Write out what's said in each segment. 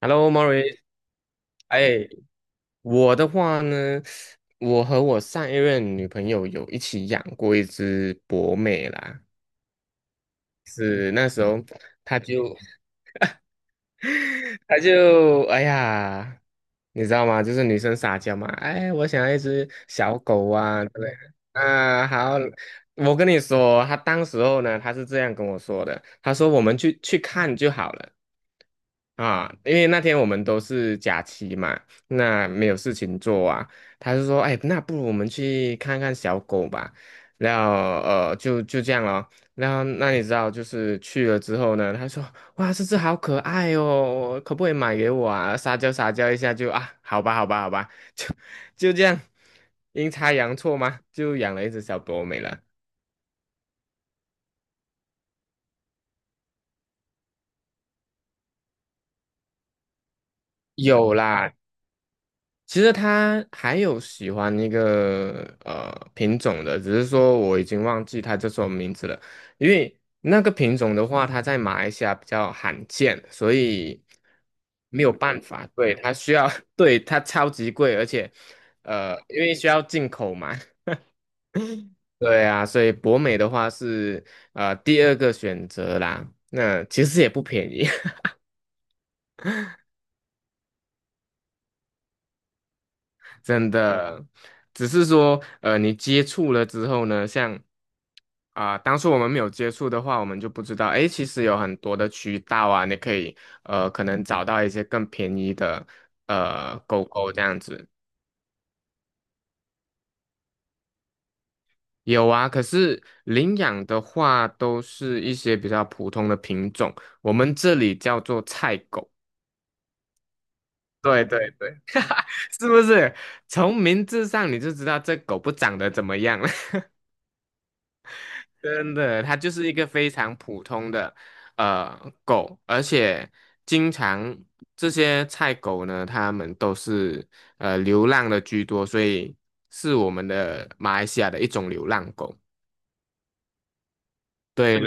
Hello, Maric。 哎，我的话呢，我和我上一任女朋友有一起养过一只博美啦，是那时候她就 他就哎呀，你知道吗？就是女生撒娇嘛，哎，我想要一只小狗啊之类的啊，好，我跟你说，他当时候呢，他是这样跟我说的，他说我们去看就好了。啊，因为那天我们都是假期嘛，那没有事情做啊，他就说，哎，那不如我们去看看小狗吧，然后就这样咯。然后那你知道，就是去了之后呢，他说："哇，这只好可爱哦，可不可以买给我啊？"撒娇撒娇一下就啊，好吧，好吧，好吧，就就这样，阴差阳错嘛，就养了一只小博美了。有啦，其实他还有喜欢一个品种的，只是说我已经忘记他叫什么名字了。因为那个品种的话，它在马来西亚比较罕见，所以没有办法。对，它需要，对，它超级贵，而且因为需要进口嘛。对啊，所以博美的话是第二个选择啦。那其实也不便宜。真的，只是说，你接触了之后呢，像啊、当初我们没有接触的话，我们就不知道，诶，其实有很多的渠道啊，你可以，可能找到一些更便宜的，狗狗这样子。有啊，可是领养的话，都是一些比较普通的品种，我们这里叫做菜狗。对对对，是不是？从名字上你就知道这狗不长得怎么样了。真的，它就是一个非常普通的呃狗，而且经常这些菜狗呢，它们都是流浪的居多，所以是我们的马来西亚的一种流浪狗。对，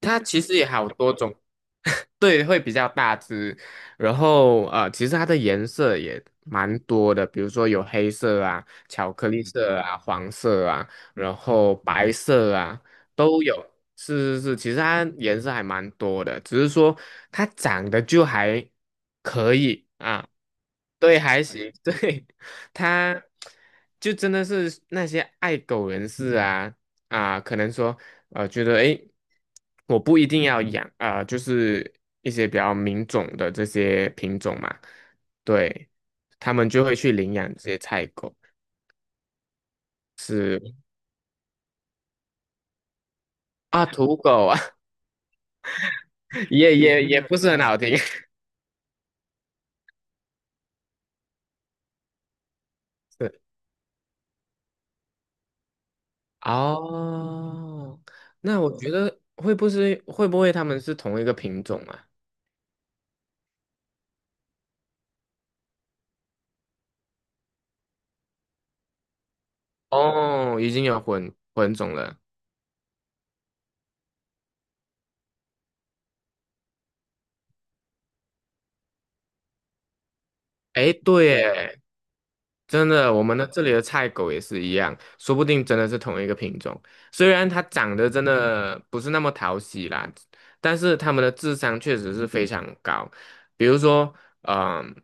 它其实也好多种，对，会比较大只。然后其实它的颜色也蛮多的，比如说有黑色啊、巧克力色啊、黄色啊，然后白色啊都有。是是是，其实它颜色还蛮多的，只是说它长得就还可以啊。对，还行，对，它，就真的是那些爱狗人士啊啊，可能说觉得诶，我不一定要养啊、就是一些比较名种的这些品种嘛，对，他们就会去领养这些菜狗，是啊，土狗啊，也也也不是很好听，是哦，那我觉得会不会他们是同一个品种啊？哦，已经有混种了，诶，对耶，真的，我们的这里的菜狗也是一样，说不定真的是同一个品种。虽然它长得真的不是那么讨喜啦，但是它们的智商确实是非常高。比如说，嗯、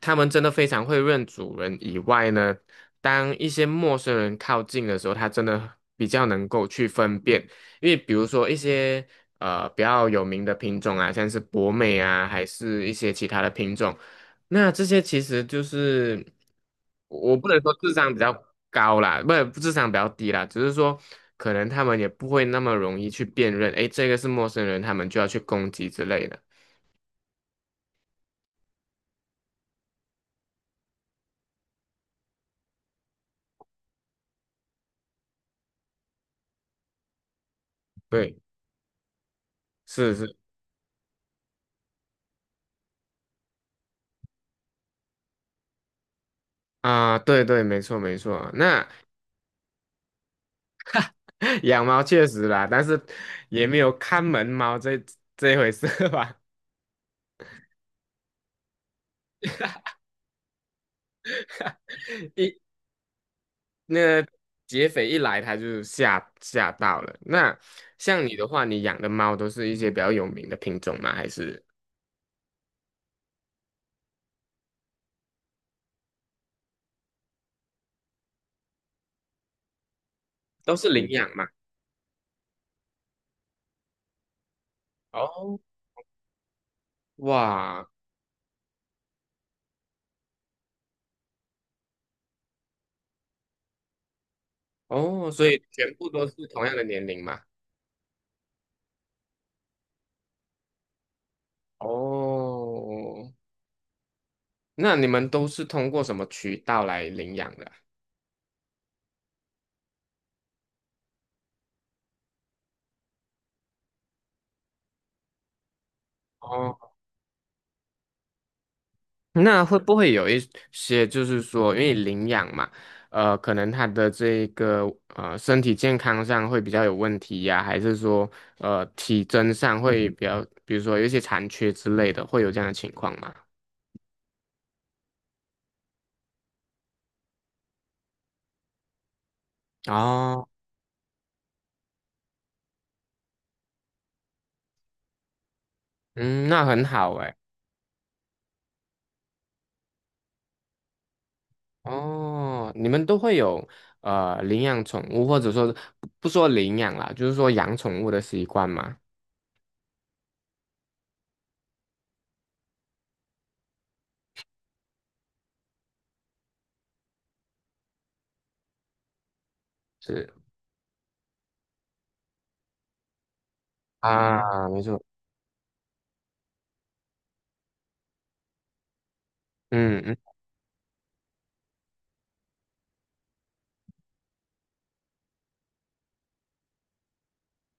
它们真的非常会认主人以外呢，当一些陌生人靠近的时候，它真的比较能够去分辨。因为比如说一些比较有名的品种啊，像是博美啊，还是一些其他的品种。那这些其实就是。我不能说智商比较高啦，不是智商比较低啦，只是说可能他们也不会那么容易去辨认，诶，这个是陌生人，他们就要去攻击之类的。对，是是啊，对对，没错没错啊。那 养猫确实啦，但是也没有看门猫这回事吧？一那劫匪一来，他就吓到了。那像你的话，你养的猫都是一些比较有名的品种吗？还是都是领养嘛？哦，哇，哦，所以全部都是同样的年龄嘛？哦，那你们都是通过什么渠道来领养的啊哦，那会不会有一些就是说，因为领养嘛，可能他的这个身体健康上会比较有问题呀、还是说体征上会比较，比如说有一些残缺之类的，会有这样的情况吗？哦，嗯，那很好哎。哦，你们都会有领养宠物，或者说不不说领养啦，就是说养宠物的习惯嘛。是啊，没错，嗯嗯，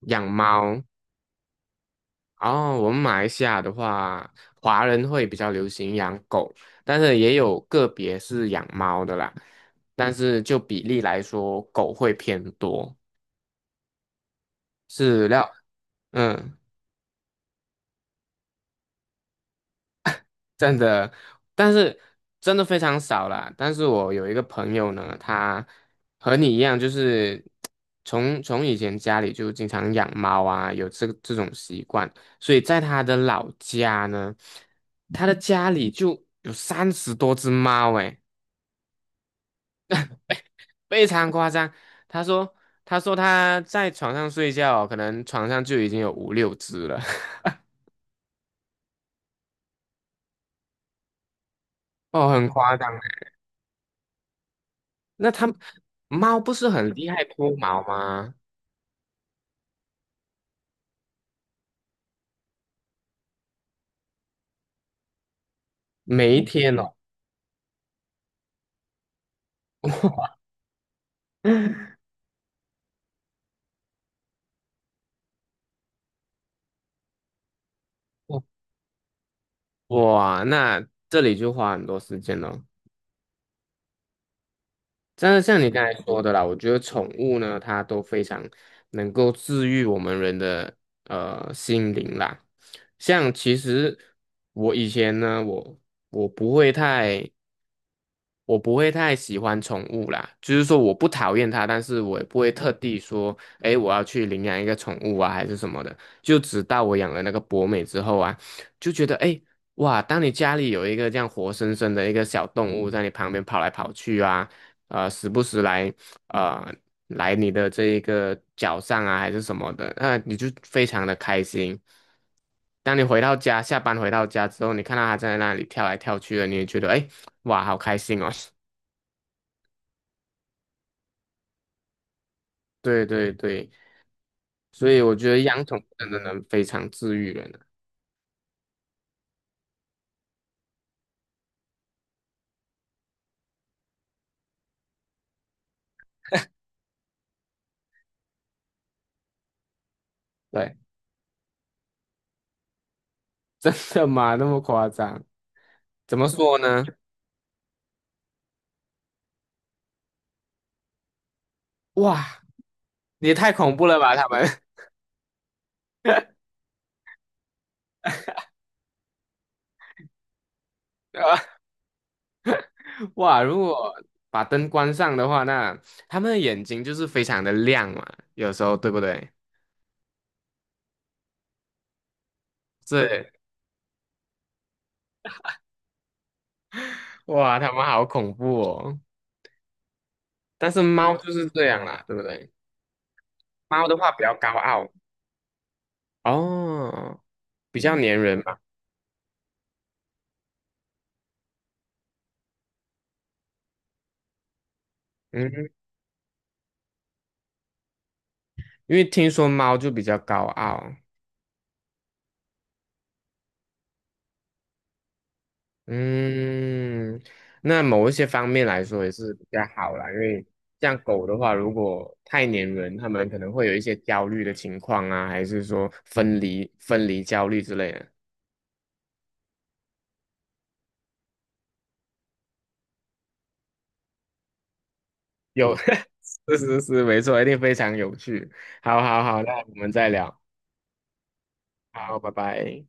养猫。哦，我们马来西亚的话，华人会比较流行养狗，但是也有个别是养猫的啦。但是就比例来说，狗会偏多。是料，嗯。真的，但是真的非常少啦。但是我有一个朋友呢，他和你一样，就是从以前家里就经常养猫啊，有这种习惯，所以在他的老家呢，他的家里就有30多只猫，诶，非常夸张。他说，他说他在床上睡觉，可能床上就已经有五六只了，哦，很夸张欸那他猫不是很厉害脱毛吗？每一天哦，哇，那这里就花很多时间了。真的像你刚才说的啦，我觉得宠物呢，它都非常能够治愈我们人的心灵啦。像其实我以前呢，我我不会太。我不会太喜欢宠物啦，就是说我不讨厌它，但是我也不会特地说，诶，我要去领养一个宠物啊，还是什么的。就直到我养了那个博美之后啊，就觉得，诶，哇，当你家里有一个这样活生生的一个小动物在你旁边跑来跑去啊，时不时来，呃。来你的这一个脚上啊，还是什么的，那你就非常的开心。当你回到家，下班回到家之后，你看到它在那里跳来跳去的，你也觉得哎，诶哇，好开心哦。对对对，所以我觉得养宠物真的能非常治愈人啊。对，真的吗？那么夸张？怎么说呢？哇，也太恐怖了吧，他们。对吧哇，如果把灯关上的话，那他们的眼睛就是非常的亮嘛，有时候对不对？是，哇，它们好恐怖哦！但是猫啊就是这样啦，对不对？猫的话比较高傲哦，比较粘人嘛。嗯，因为听说猫就比较高傲。嗯，那某一些方面来说也是比较好啦，因为像狗的话，如果太粘人，它们可能会有一些焦虑的情况啊，还是说分离焦虑之类的。有，是是是，没错，一定非常有趣。好好好，那我们再聊。好，拜拜。